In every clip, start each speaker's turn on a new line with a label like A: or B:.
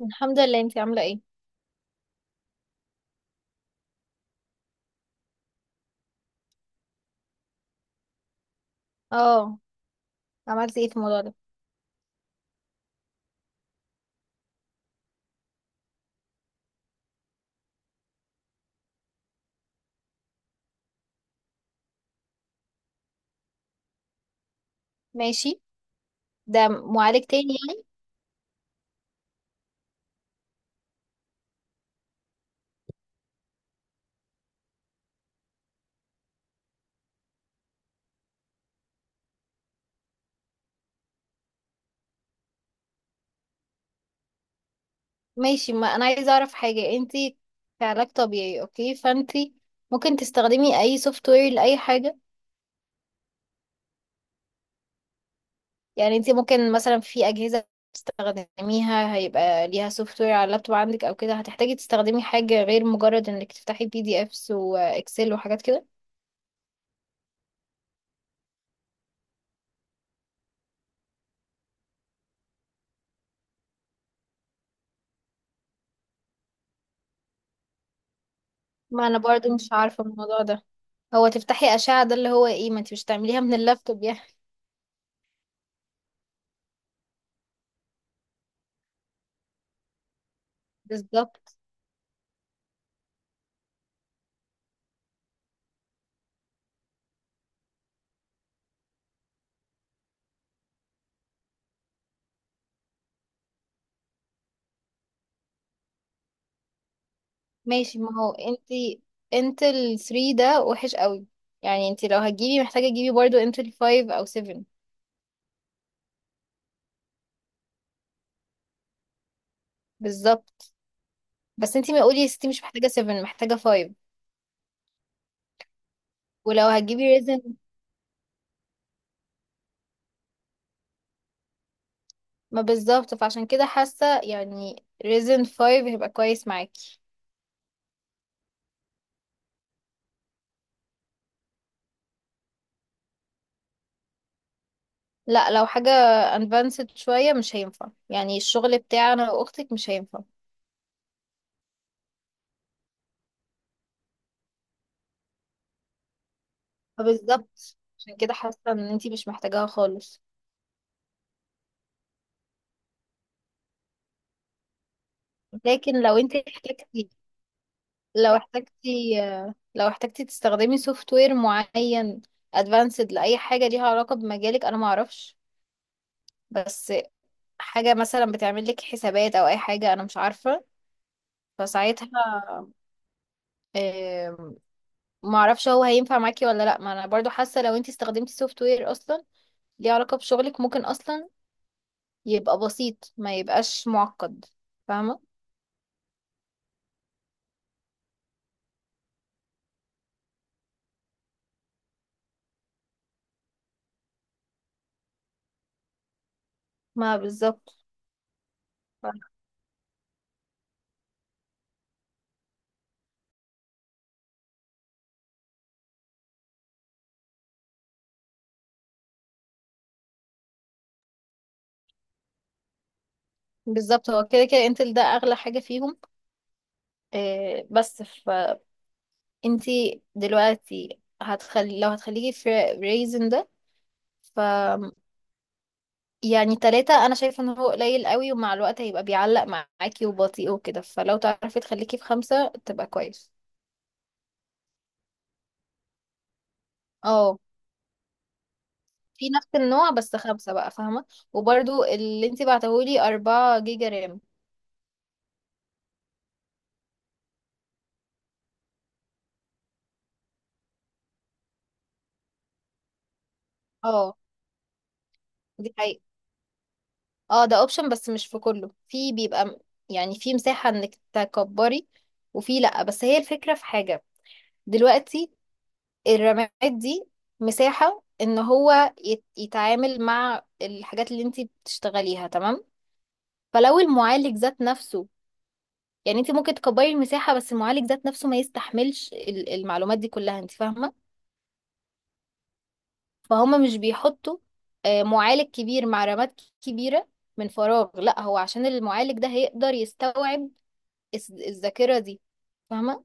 A: الحمد لله. انتي عاملة ايه؟ اه. عملتي ايه في الموضوع ده؟ ماشي، ده معالج تاني يعني. ماشي، ما انا عايزة اعرف حاجة. انتي كعلاج طبيعي، اوكي، فانتي ممكن تستخدمي اي سوفت وير لأي حاجة؟ يعني انتي ممكن مثلا في اجهزة تستخدميها هيبقى ليها سوفت وير على اللابتوب عندك، او كده هتحتاجي تستخدمي حاجة غير مجرد انك تفتحي بي دي افس واكسل وحاجات كده؟ ما انا برضو مش عارفة الموضوع ده. هو تفتحي أشعة ده اللي هو ايه؟ ما انتي مش تعمليها من اللابتوب يعني. بالظبط. ماشي، ما هو انتي، انتل 3 ده وحش قوي يعني. انتي لو هتجيبي محتاجة تجيبي برضو انتل 5 او 7. بالظبط. بس انتي ما قولي يا ستي مش محتاجة 7، محتاجة 5. ولو هتجيبي ريزن ما بالظبط، فعشان كده حاسة يعني ريزن 5 هيبقى كويس معاكي. لا، لو حاجة advanced شوية مش هينفع يعني. الشغل بتاعنا واختك مش هينفع. فبالظبط عشان كده حاسة ان انتي مش محتاجاها خالص. لكن لو انتي احتاجتي، لو احتجتي لو احتجتي تستخدمي سوفت وير معين ادفانسد لأي حاجة ليها علاقة بمجالك، أنا معرفش، بس حاجة مثلا بتعمل لك حسابات أو أي حاجة أنا مش عارفة. فساعتها، آه، معرفش هو هينفع معاكي ولا لأ. ما أنا برضو حاسة لو انتي استخدمتي سوفت وير أصلا ليه علاقة بشغلك، ممكن أصلا يبقى بسيط ما يبقاش معقد. فاهمة؟ ما بالظبط. بالظبط، هو كده كده انتل ده أغلى حاجة فيهم. بس انتي دلوقتي هتخلي، لو هتخليكي في ريزن ده ف يعني تلاتة، انا شايفة ان هو قليل قوي ومع الوقت هيبقى بيعلق معاكي وبطيء وكده. فلو تعرفي تخليكي في خمسة تبقى كويس. اه، في نفس النوع بس خمسة بقى، فاهمة. وبرضو اللي انتي بعتهولي أربعة جيجا رام. اه. دي حقيقة. اه، ده اوبشن بس مش في كله، في بيبقى يعني في مساحة انك تكبري، وفي لأ. بس هي الفكرة في حاجة دلوقتي، الرماد دي مساحة ان هو يتعامل مع الحاجات اللي انت بتشتغليها، تمام؟ فلو المعالج ذات نفسه يعني، انت ممكن تكبري المساحة بس المعالج ذات نفسه ما يستحملش المعلومات دي كلها، انت فاهمة. فهما مش بيحطوا معالج كبير مع رماد كبيرة من فراغ. لا، هو عشان المعالج ده هيقدر يستوعب الذاكرة دي، فاهمة.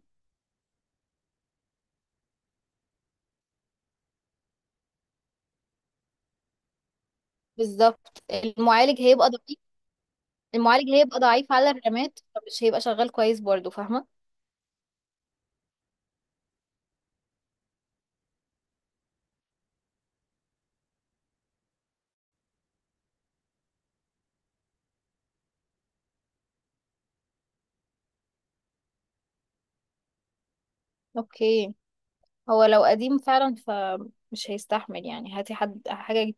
A: بالظبط، المعالج هيبقى ضعيف. المعالج هيبقى ضعيف على الرماد، فمش هيبقى شغال كويس برضه، فاهمة. اوكي. هو لو قديم فعلا فمش هيستحمل يعني. هاتي حد حاجة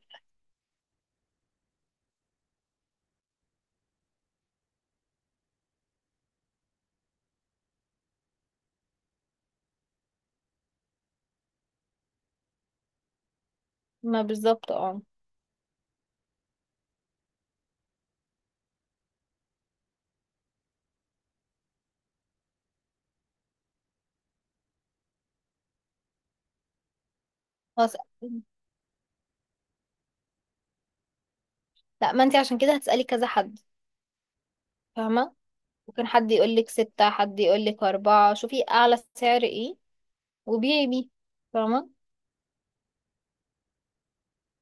A: ما بالظبط. اه، خلاص. لا، ما انتي عشان كده هتسألي كذا حد، فاهمة. ممكن حد يقولك ستة، حد يقولك أربعة. شوفي أعلى سعر ايه وبيعي بيه، فاهمة.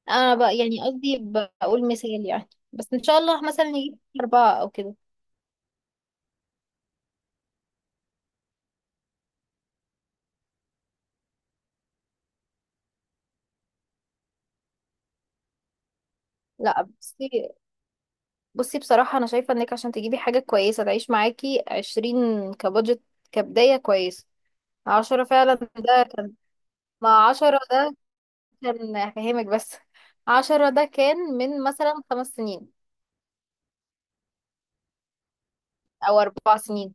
A: أنا بقى يعني قصدي بقول مثال يعني، بس إن شاء الله مثلا نجيب أربعة أو كده. لا، بصي، بصي بصراحة، أنا شايفة إنك عشان تجيبي حاجة كويسة تعيش معاكي 20 كبادجت كبداية كويسة. عشرة فعلا ده كان، مع 10 ده عشان أفهمك بس، عشرة ده كان من مثلا 5 سنين أو 4 سنين.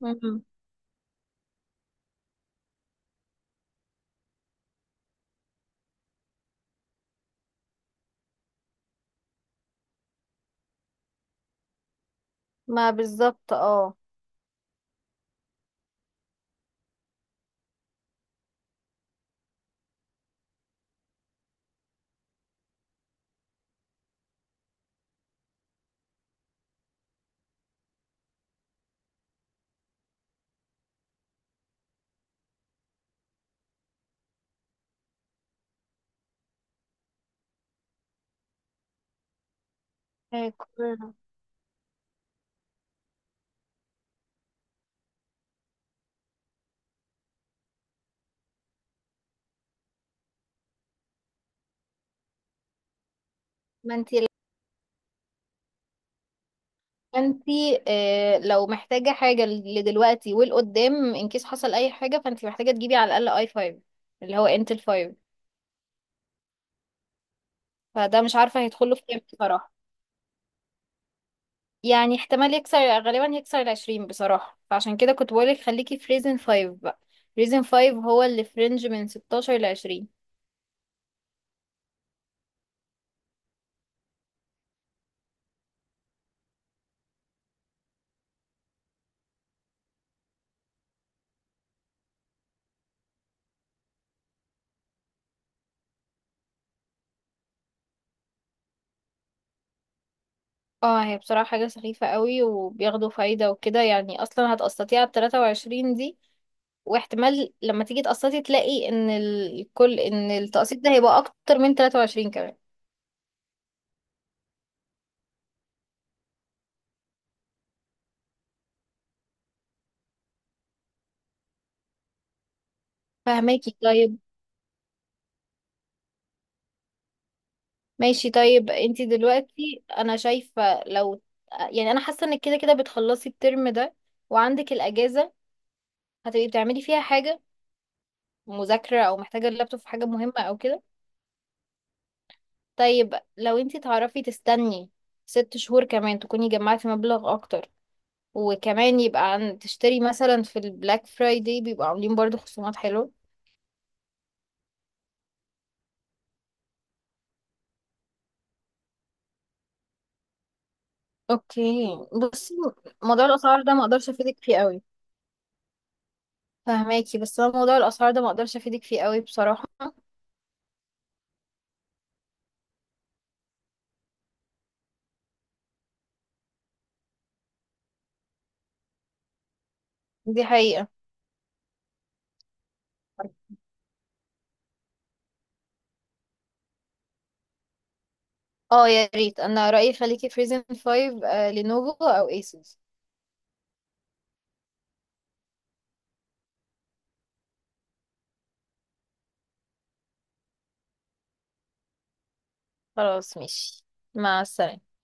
A: مم. ما بالظبط. اه، كورونا. ما انتي، ما انتي آه، لو محتاجة حاجة لدلوقتي والقدام ان كيس حصل أي حاجة، فانتي محتاجة تجيبي على الأقل اي فايف، اللي هو انتل فايف. فده مش عارفة هيدخله في كام بصراحة. يعني احتمال يكسر، غالبا يكسر ال20 بصراحة. فعشان كده كنت بقولك خليكي في ريزن فايف بقى. ريزن فايف هو اللي في رينج من 16 ل20. اه، هي بصراحة حاجة سخيفة قوي، وبياخدوا فايدة وكده يعني. اصلا هتقسطي على ال23 دي، واحتمال لما تيجي تقسطي تلاقي ان الكل، ان التقسيط ده هيبقى اكتر من 23 كمان. فهماكي؟ طيب، ماشي. طيب انتي دلوقتي، انا شايفة لو يعني، انا حاسة انك كده كده بتخلصي الترم ده وعندك الاجازة. هتبقي بتعملي فيها حاجة، مذاكرة او محتاجة اللابتوب في حاجة مهمة او كده؟ طيب لو انتي تعرفي تستني 6 شهور كمان، تكوني جمعتي مبلغ اكتر، وكمان يبقى عن تشتري مثلا في البلاك فرايداي بيبقوا عاملين برضو خصومات حلوة. اوكي، بصي، موضوع الاسعار ده ما اقدرش افيدك فيه قوي. فهماكي، بس انا موضوع الاسعار ده ما اقدرش افيدك فيه قوي بصراحة. دي حقيقة. اه، يا ريت. انا رأيي خليكي في ريزن 5، آه لينوفو او ايسوس. خلاص، ماشي. مع السلامة.